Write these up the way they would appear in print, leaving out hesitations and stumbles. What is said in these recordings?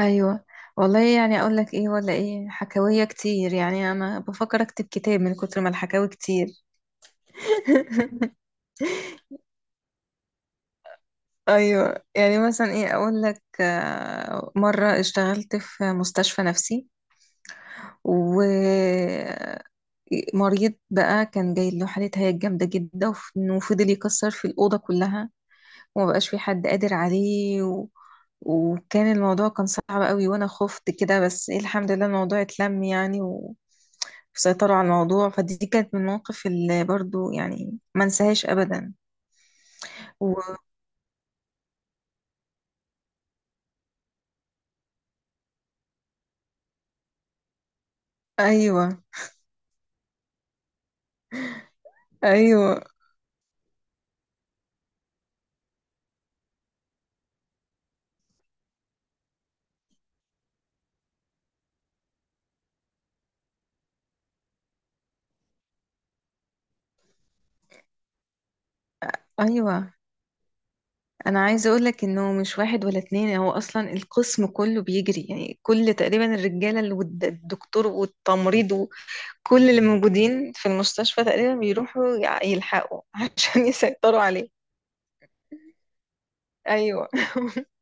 ايوه. والله يعني اقول لك ايه ولا ايه، حكاويه كتير، يعني انا بفكر اكتب كتاب من كتر ما الحكاوي كتير. ايوه، يعني مثلا ايه اقول لك، مره اشتغلت في مستشفى نفسي، ومريض بقى كان جاي له حاله هياج جامده جدا، وفضل يكسر في الاوضه كلها، ومبقاش في حد قادر عليه وكان الموضوع كان صعب قوي، وانا خفت كده، بس الحمد لله الموضوع اتلم يعني وسيطروا على الموضوع. فدي كانت من المواقف اللي برضو يعني ما انساهاش ابدا. و... ايوه ايوه ايوه، انا عايزه اقول لك انه مش واحد ولا اتنين، هو اصلا القسم كله بيجري، يعني كل تقريبا الرجاله اللي الدكتور والتمريض وكل اللي موجودين في المستشفى تقريبا بيروحوا يلحقوا عشان يسيطروا عليه. ايوه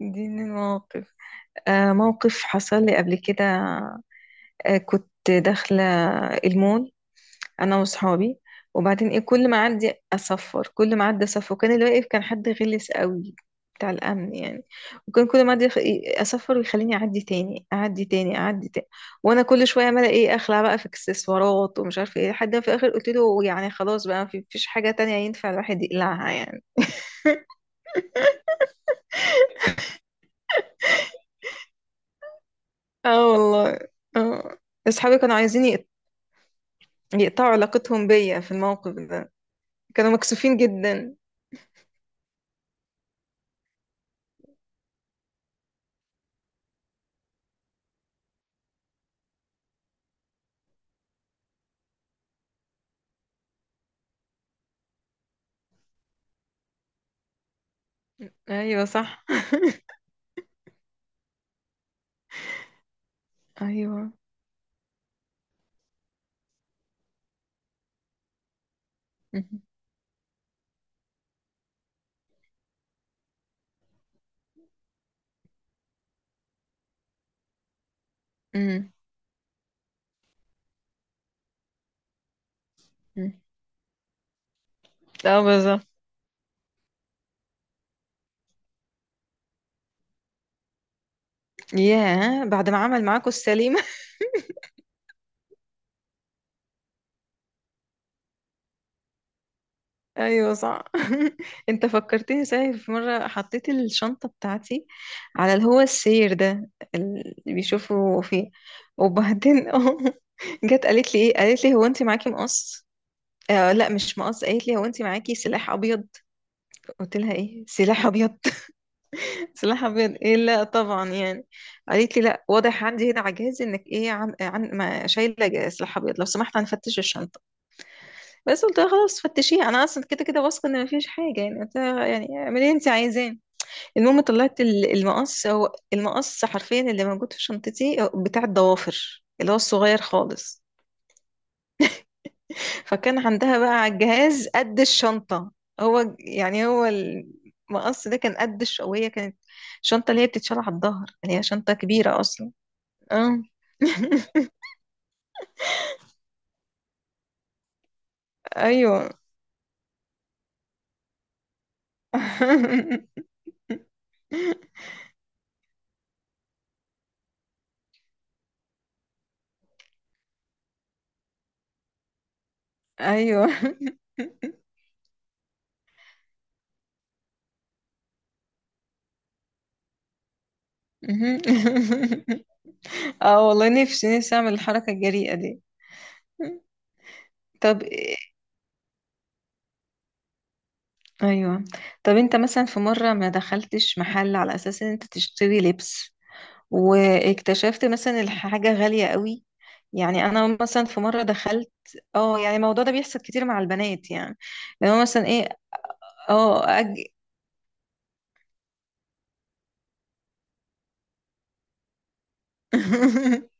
دي من المواقف. موقف حصل لي قبل كده. كنت داخله المول، انا واصحابي. وبعدين ايه، كل ما اعدي اصفر، كل ما اعدي اصفر. وكان اللي واقف كان حد غلس قوي، بتاع الامن يعني. وكان كل ما اعدي يخ- إيه، اصفر، ويخليني اعدي تاني اعدي تاني اعدي تاني. وانا كل شويه عماله ايه، اخلع بقى في اكسسوارات ومش عارفه ايه، لحد ما في الاخر قلت له يعني خلاص بقى مفيش حاجه تانية ينفع الواحد يقلعها يعني. اه والله. اه. اصحابي كانوا عايزين يقطعوا علاقتهم بيا في الموقف ده، كانوا مكسوفين جدا. ايوه صح ايوه. مهم. مهم. مهم. اه بالظبط. ياه بعد ما عمل معاكوا السليمة ايوه صح انت فكرتني صحيح، في مرة حطيت الشنطة بتاعتي على اللي هو السير ده اللي بيشوفوا فيه. وبعدين اه، جت قالت لي ايه، قالت لي هو انت معاكي مقص؟ لا مش مقص، قالت لي هو انت معاكي سلاح ابيض؟ قلت لها ايه سلاح ابيض؟ سلاح ابيض ايه؟ لا طبعا يعني. قالت لي لا، واضح عندي هنا على جهازي انك ايه عن ما شايله سلاح ابيض، لو سمحت هنفتش الشنطه. بس قلت لها خلاص فتشيها، انا اصلا كده كده واثقه ان مفيش حاجه يعني، قلت لها يعني اعملي اللي انت عايزاه. المهم طلعت المقص، هو المقص حرفيا اللي موجود في شنطتي هو بتاع الضوافر اللي هو الصغير خالص. فكان عندها بقى على الجهاز قد الشنطه. هو يعني هو المقص ده كان قد وهي كانت شنطة اللي هي بتتشال على الظهر اللي هي شنطة كبيرة أصلا. اه ايوه ايوه. مهم. اه والله، نفسي نفسي اعمل الحركة الجريئة دي. طب إيه- ايوه. طب انت مثلا في مرة ما دخلتش محل على اساس ان انت تشتري لبس واكتشفت مثلا الحاجة غالية قوي؟ يعني انا مثلا في مرة دخلت. اه يعني الموضوع ده بيحصل كتير مع البنات يعني، لو مثلا ايه. اه أج...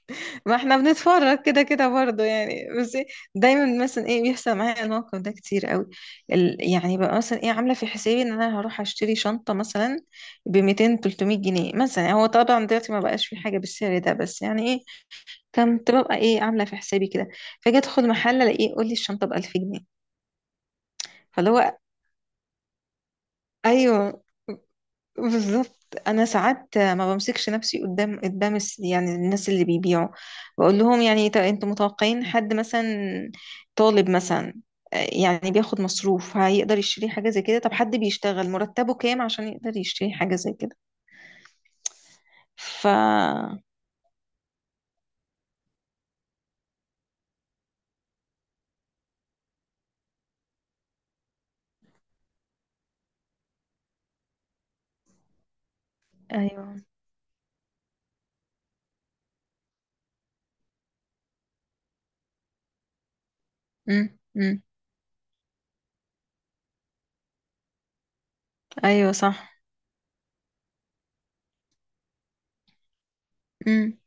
ما احنا بنتفرج كده كده برضه يعني، بس دايما مثلا ايه بيحصل معايا الموقف ده كتير قوي. يعني بقى مثلا ايه، عامله في حسابي ان انا هروح اشتري شنطه مثلا ب 200 300 جنيه مثلا، يعني هو طبعا دلوقتي ما بقاش في حاجه بالسعر ده، بس يعني ايه كنت ببقى ايه عامله في حسابي كده، فاجي ادخل محل الاقيه يقول لي الشنطه ب 1000 جنيه. فاللي هو ايوه بالظبط. انا ساعات ما بمسكش نفسي، قدام يعني الناس اللي بيبيعوا، بقول لهم يعني طب انتوا متوقعين حد مثلا طالب مثلا، يعني بياخد مصروف هيقدر يشتري حاجة زي كده؟ طب حد بيشتغل مرتبه كام عشان يقدر يشتري حاجة زي كده؟ ف ايوه. امم. ايوه صح. امم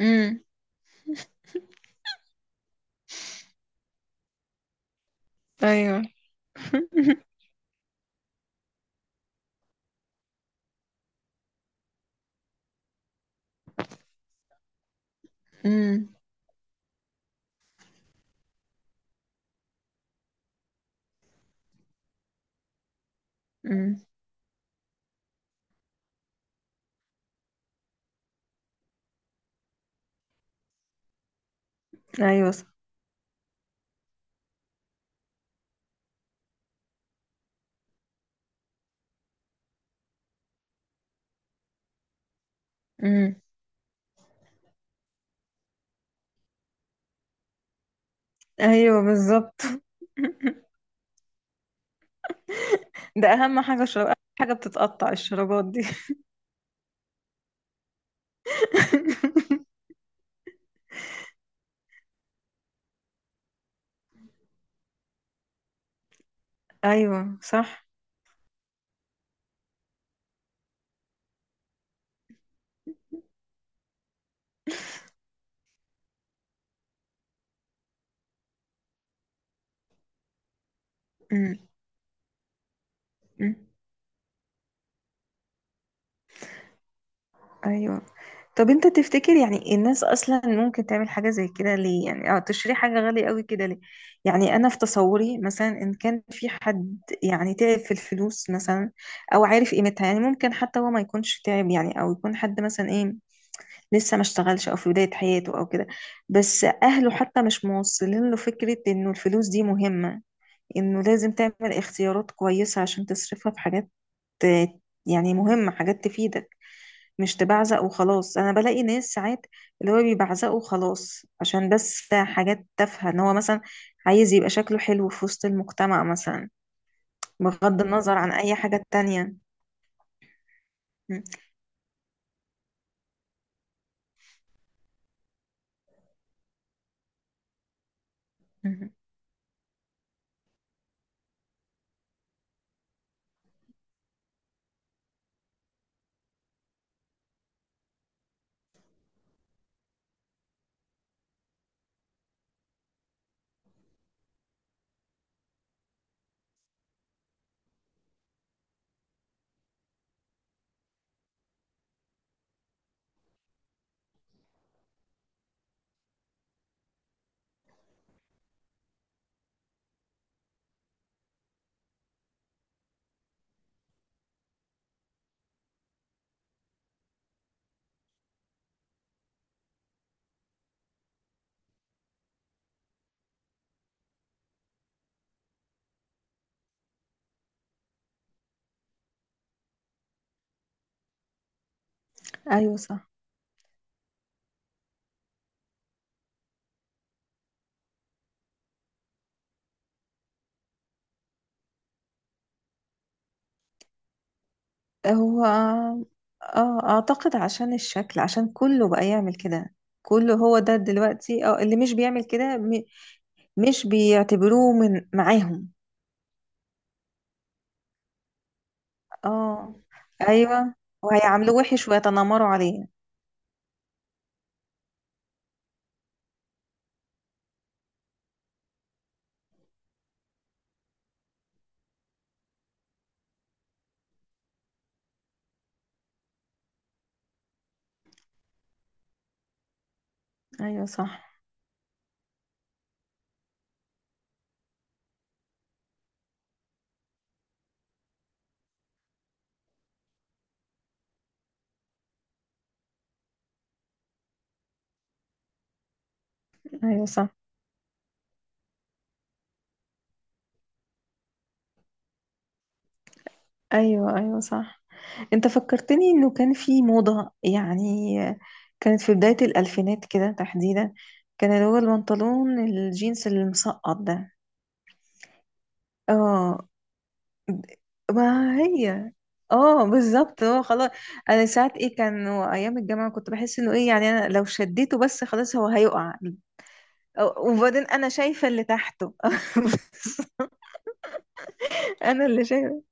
امم. ايوه امم امم. ايوه صح. امم. ايوه بالظبط. ده اهم حاجة، شراب. أهم حاجة بتتقطع الشرابات دي. ايوه صح. أمم، أمم، ايوه. طب انت تفتكر يعني الناس اصلا ممكن تعمل حاجة زي كده ليه، يعني اه تشتري حاجة غالية قوي كده ليه؟ يعني انا في تصوري مثلا، ان كان في حد يعني تعب في الفلوس مثلا، او عارف قيمتها، يعني ممكن حتى هو ما يكونش تعب يعني، او يكون حد مثلا ايه لسه ما اشتغلش او في بداية حياته او كده، بس اهله حتى مش موصلين له فكرة انه الفلوس دي مهمة، انه لازم تعمل اختيارات كويسة عشان تصرفها في حاجات آه، يعني مهمة، حاجات تفيدك، مش تبعزق وخلاص. انا بلاقي ناس ساعات اللي هو بيبعزقوا خلاص عشان بس حاجات تافهة، ان هو مثلا عايز يبقى شكله حلو في وسط المجتمع مثلا، بغض النظر عن اي حاجة تانية. م- م- ايوه صح. هو اه اعتقد عشان الشكل، عشان كله بقى يعمل كده، كله هو ده دلوقتي. اه اللي مش بيعمل كده مش بيعتبروه من معاهم. اه ايوه، وهيعاملوه وحش ويتنمروا عليه. ايوه صح. ايوه صح. ايوه. ايوه صح، انت فكرتني انه كان في موضة يعني، كانت في بداية الالفينات كده تحديدا، كان اللي هو البنطلون الجينز المسقط ده. اه ما هي. اه بالظبط، هو خلاص. انا ساعات ايه كان ايام الجامعه كنت بحس انه ايه يعني، انا لو شديته بس خلاص هو هيقع. وبعدين انا شايفه اللي تحته انا اللي شايفه.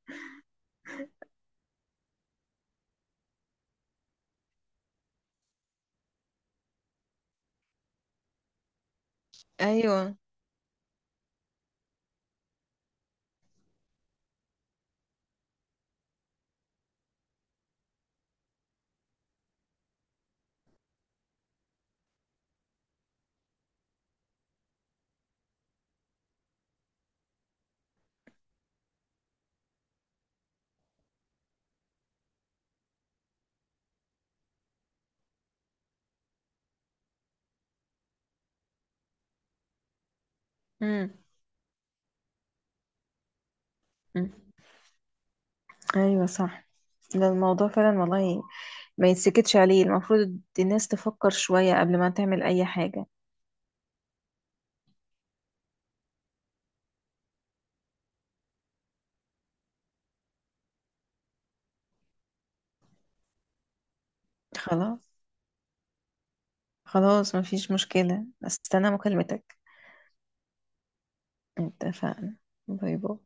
ايوه. امم. أمم. ايوه صح. ده الموضوع فعلا والله ما يتسكتش عليه، المفروض الناس تفكر شوية قبل ما تعمل اي حاجة. خلاص. خلاص مفيش مشكلة، استنى مكالمتك. اتفقنا. باي باي.